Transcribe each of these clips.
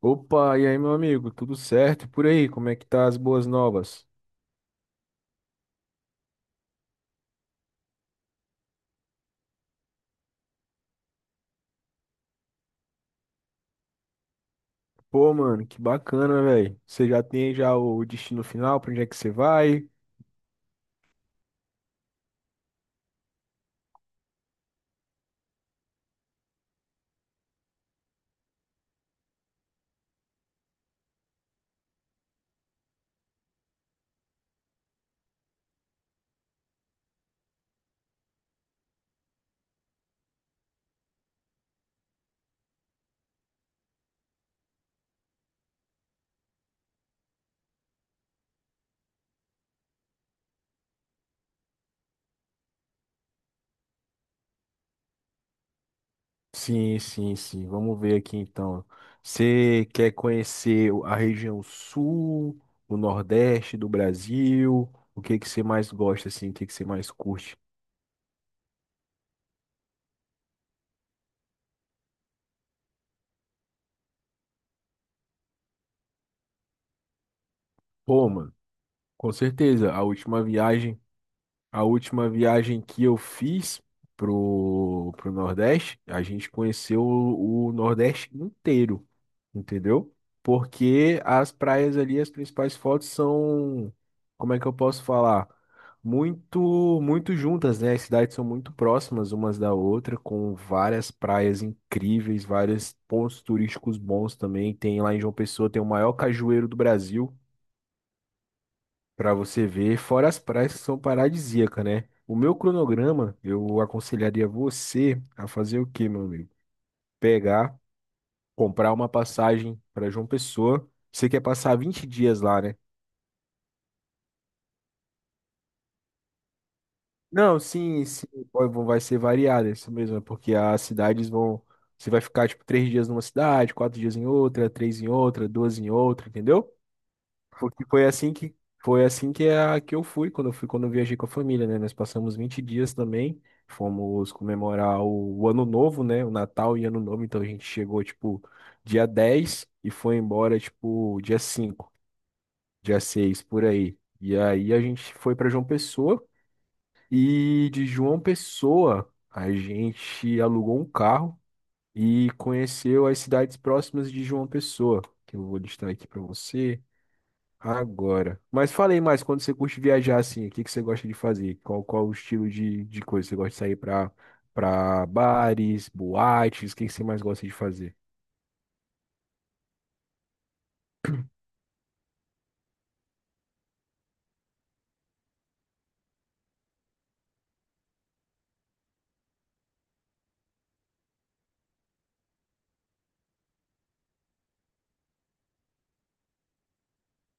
Opa, e aí, meu amigo, tudo certo. E por aí? Como é que tá as boas novas? Pô, mano, que bacana, velho. Você já tem já o destino final, pra onde é que você vai? Sim, sim, sim. Vamos ver aqui então. Você quer conhecer a região sul, o nordeste do Brasil? O que que você mais gosta assim? O que que você mais curte? Pô, mano, com certeza, a última viagem que eu fiz pro Nordeste, a gente conheceu o Nordeste inteiro, entendeu? Porque as praias ali, as principais fotos são, como é que eu posso falar, muito, muito juntas, né? As cidades são muito próximas umas da outra, com várias praias incríveis, vários pontos turísticos bons também. Tem lá em João Pessoa, tem o maior cajueiro do Brasil. Pra você ver, fora as praias que são paradisíacas, né? O meu cronograma, eu aconselharia você a fazer o quê, meu amigo? Pegar, comprar uma passagem para João Pessoa. Você quer passar 20 dias lá, né? Não, sim, sim, vai ser variado, é isso mesmo, é porque as cidades vão. Você vai ficar, tipo, 3 dias numa cidade, 4 dias em outra, três em outra, duas em outra, entendeu? Porque foi assim que que eu fui, quando eu viajei com a família, né? Nós passamos 20 dias também, fomos comemorar o Ano Novo, né? O Natal e Ano Novo. Então a gente chegou tipo dia 10 e foi embora tipo dia 5, dia 6 por aí. E aí a gente foi para João Pessoa, e de João Pessoa a gente alugou um carro e conheceu as cidades próximas de João Pessoa, que eu vou listar aqui para você agora. Mas falei mais, quando você curte viajar assim, o que que você gosta de fazer? Qual o estilo de coisa? Você gosta de sair pra, pra bares, boates? O que que você mais gosta de fazer?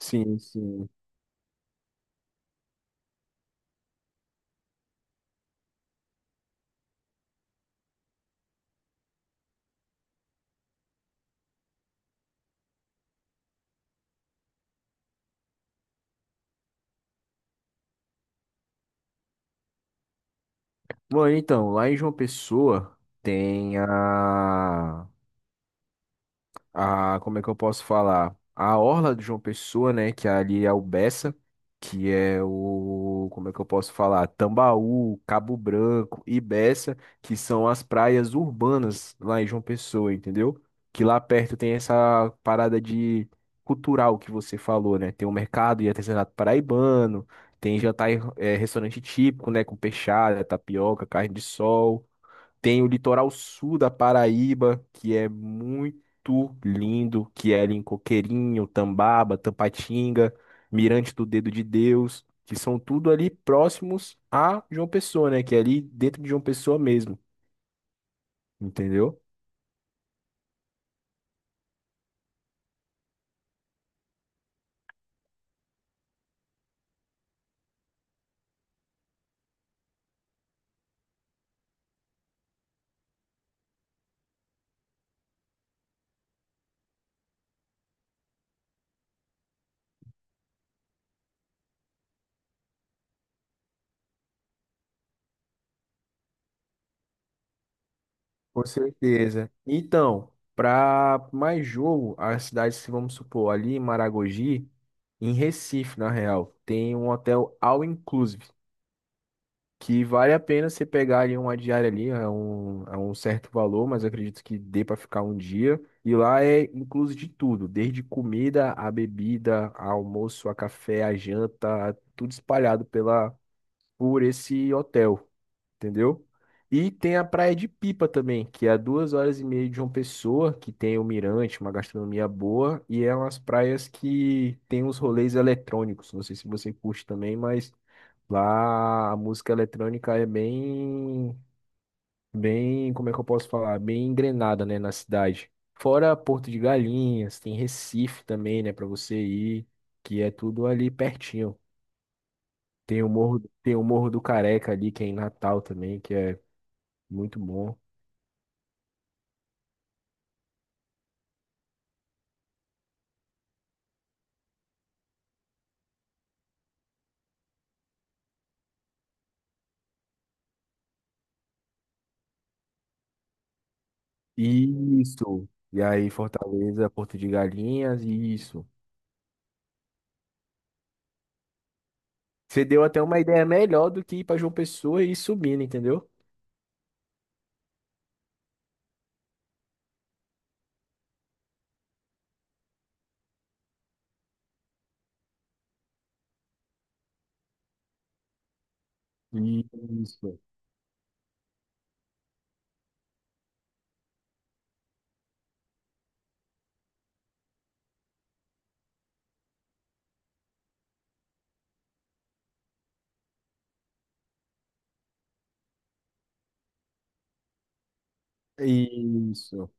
Sim, sim. Bom, então, lá em João Pessoa tem a, como é que eu posso falar, a orla de João Pessoa, né, que ali é o Beça, que é o, como é que eu posso falar, Tambaú, Cabo Branco e Beça, que são as praias urbanas lá em João Pessoa, entendeu? Que lá perto tem essa parada de cultural que você falou, né? Tem o mercado e artesanato paraibano, tem jantar, e, restaurante típico, né, com peixada, tapioca, carne de sol. Tem o litoral sul da Paraíba, que é muito lindo, que é ali em Coqueirinho, Tambaba, Tampatinga, Mirante do Dedo de Deus, que são tudo ali próximos a João Pessoa, né? Que é ali dentro de João Pessoa mesmo, entendeu? Com certeza. Então, para mais jogo, as cidades, que, vamos supor, ali em Maragogi, em Recife, na real, tem um hotel all inclusive, que vale a pena você pegar ali uma diária ali. É um, é um certo valor, mas eu acredito que dê para ficar um dia. E lá é incluso de tudo, desde comida, a bebida, a almoço, a café, a janta, a- tudo espalhado pela por esse hotel, entendeu? E tem a Praia de Pipa também, que é a 2 horas e meia de João Pessoa, que tem o mirante, uma gastronomia boa, e é umas praias que tem uns rolês eletrônicos. Não sei se você curte também, mas lá a música eletrônica é bem, bem, como é que eu posso falar, bem engrenada, né, na cidade. Fora Porto de Galinhas, tem Recife também, né, para você ir, que é tudo ali pertinho. Tem o Morro do Careca ali, que é em Natal também, que é muito bom. Isso. E aí Fortaleza, Porto de Galinhas, isso. Você deu até uma ideia melhor do que ir para João Pessoa e ir subindo, entendeu? Isso. Isso.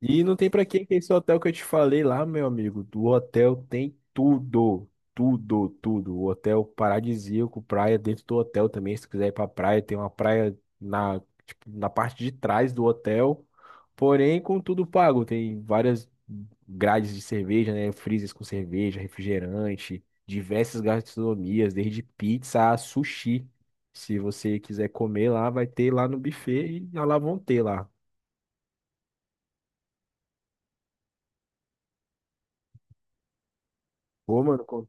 E não tem pra quem que é esse hotel que eu te falei lá, meu amigo. Do hotel tem tudo, tudo, tudo. O hotel paradisíaco, praia dentro do hotel também. Se tu quiser ir pra praia, tem uma praia na, tipo, na, parte de trás do hotel. Porém, com tudo pago. Tem várias grades de cerveja, né? Freezers com cerveja, refrigerante, diversas gastronomias, desde pizza a sushi. Se você quiser comer lá, vai ter lá no buffet e lá vão ter lá. Ô, mano, como-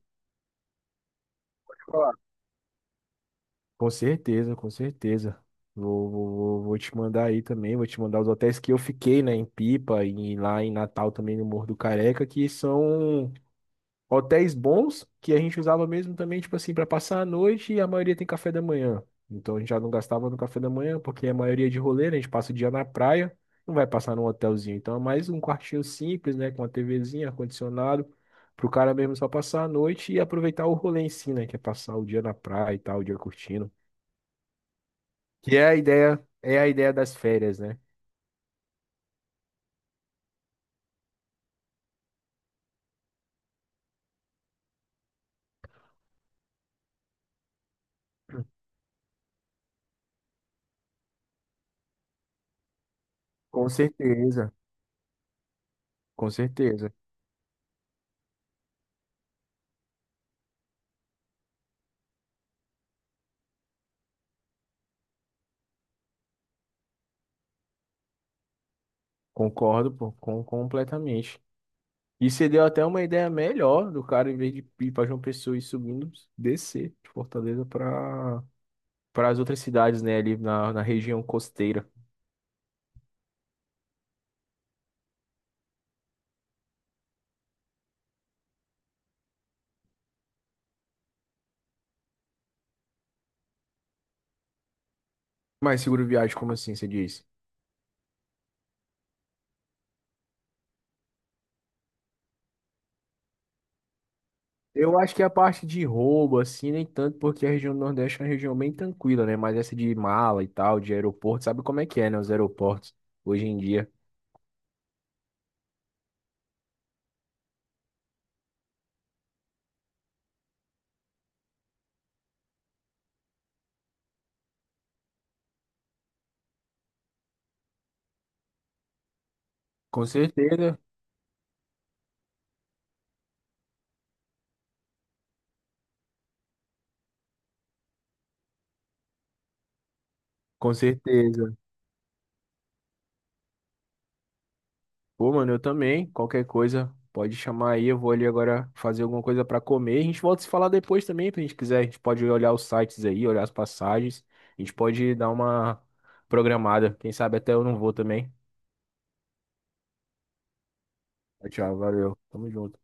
Com certeza, com certeza. Vou te mandar aí também, vou te mandar os hotéis que eu fiquei, né, em Pipa e lá em Natal também no Morro do Careca, que são hotéis bons que a gente usava mesmo também, tipo assim, para passar a noite, e a maioria tem café da manhã. Então a gente já não gastava no café da manhã, porque a maioria é de rolê, né, a gente passa o dia na praia, não vai passar num hotelzinho. Então é mais um quartinho simples, né, com uma TVzinha, ar-condicionado, pro cara mesmo só passar a noite e aproveitar o rolê em si, né, que é passar o dia na praia e tal, o dia curtindo. Que é a ideia das férias, né? Com certeza, com certeza. Concordo, pô, completamente. E você deu até uma ideia melhor do cara, em vez de ir para João Pessoa e subindo, descer de Fortaleza para as outras cidades, né? Ali na região costeira. Mas seguro viagem, como assim você disse? Eu acho que a parte de roubo, assim, nem tanto, porque a região do Nordeste é uma região bem tranquila, né? Mas essa de mala e tal, de aeroporto, sabe como é que é, né? Os aeroportos hoje em dia. Com certeza, com certeza. Pô, mano, eu também. Qualquer coisa, pode chamar aí. Eu vou ali agora fazer alguma coisa pra comer. A gente volta a se falar depois também, se a gente quiser. A gente pode olhar os sites aí, olhar as passagens. A gente pode dar uma programada. Quem sabe até eu não vou também. Tchau, tchau, valeu. Tamo junto.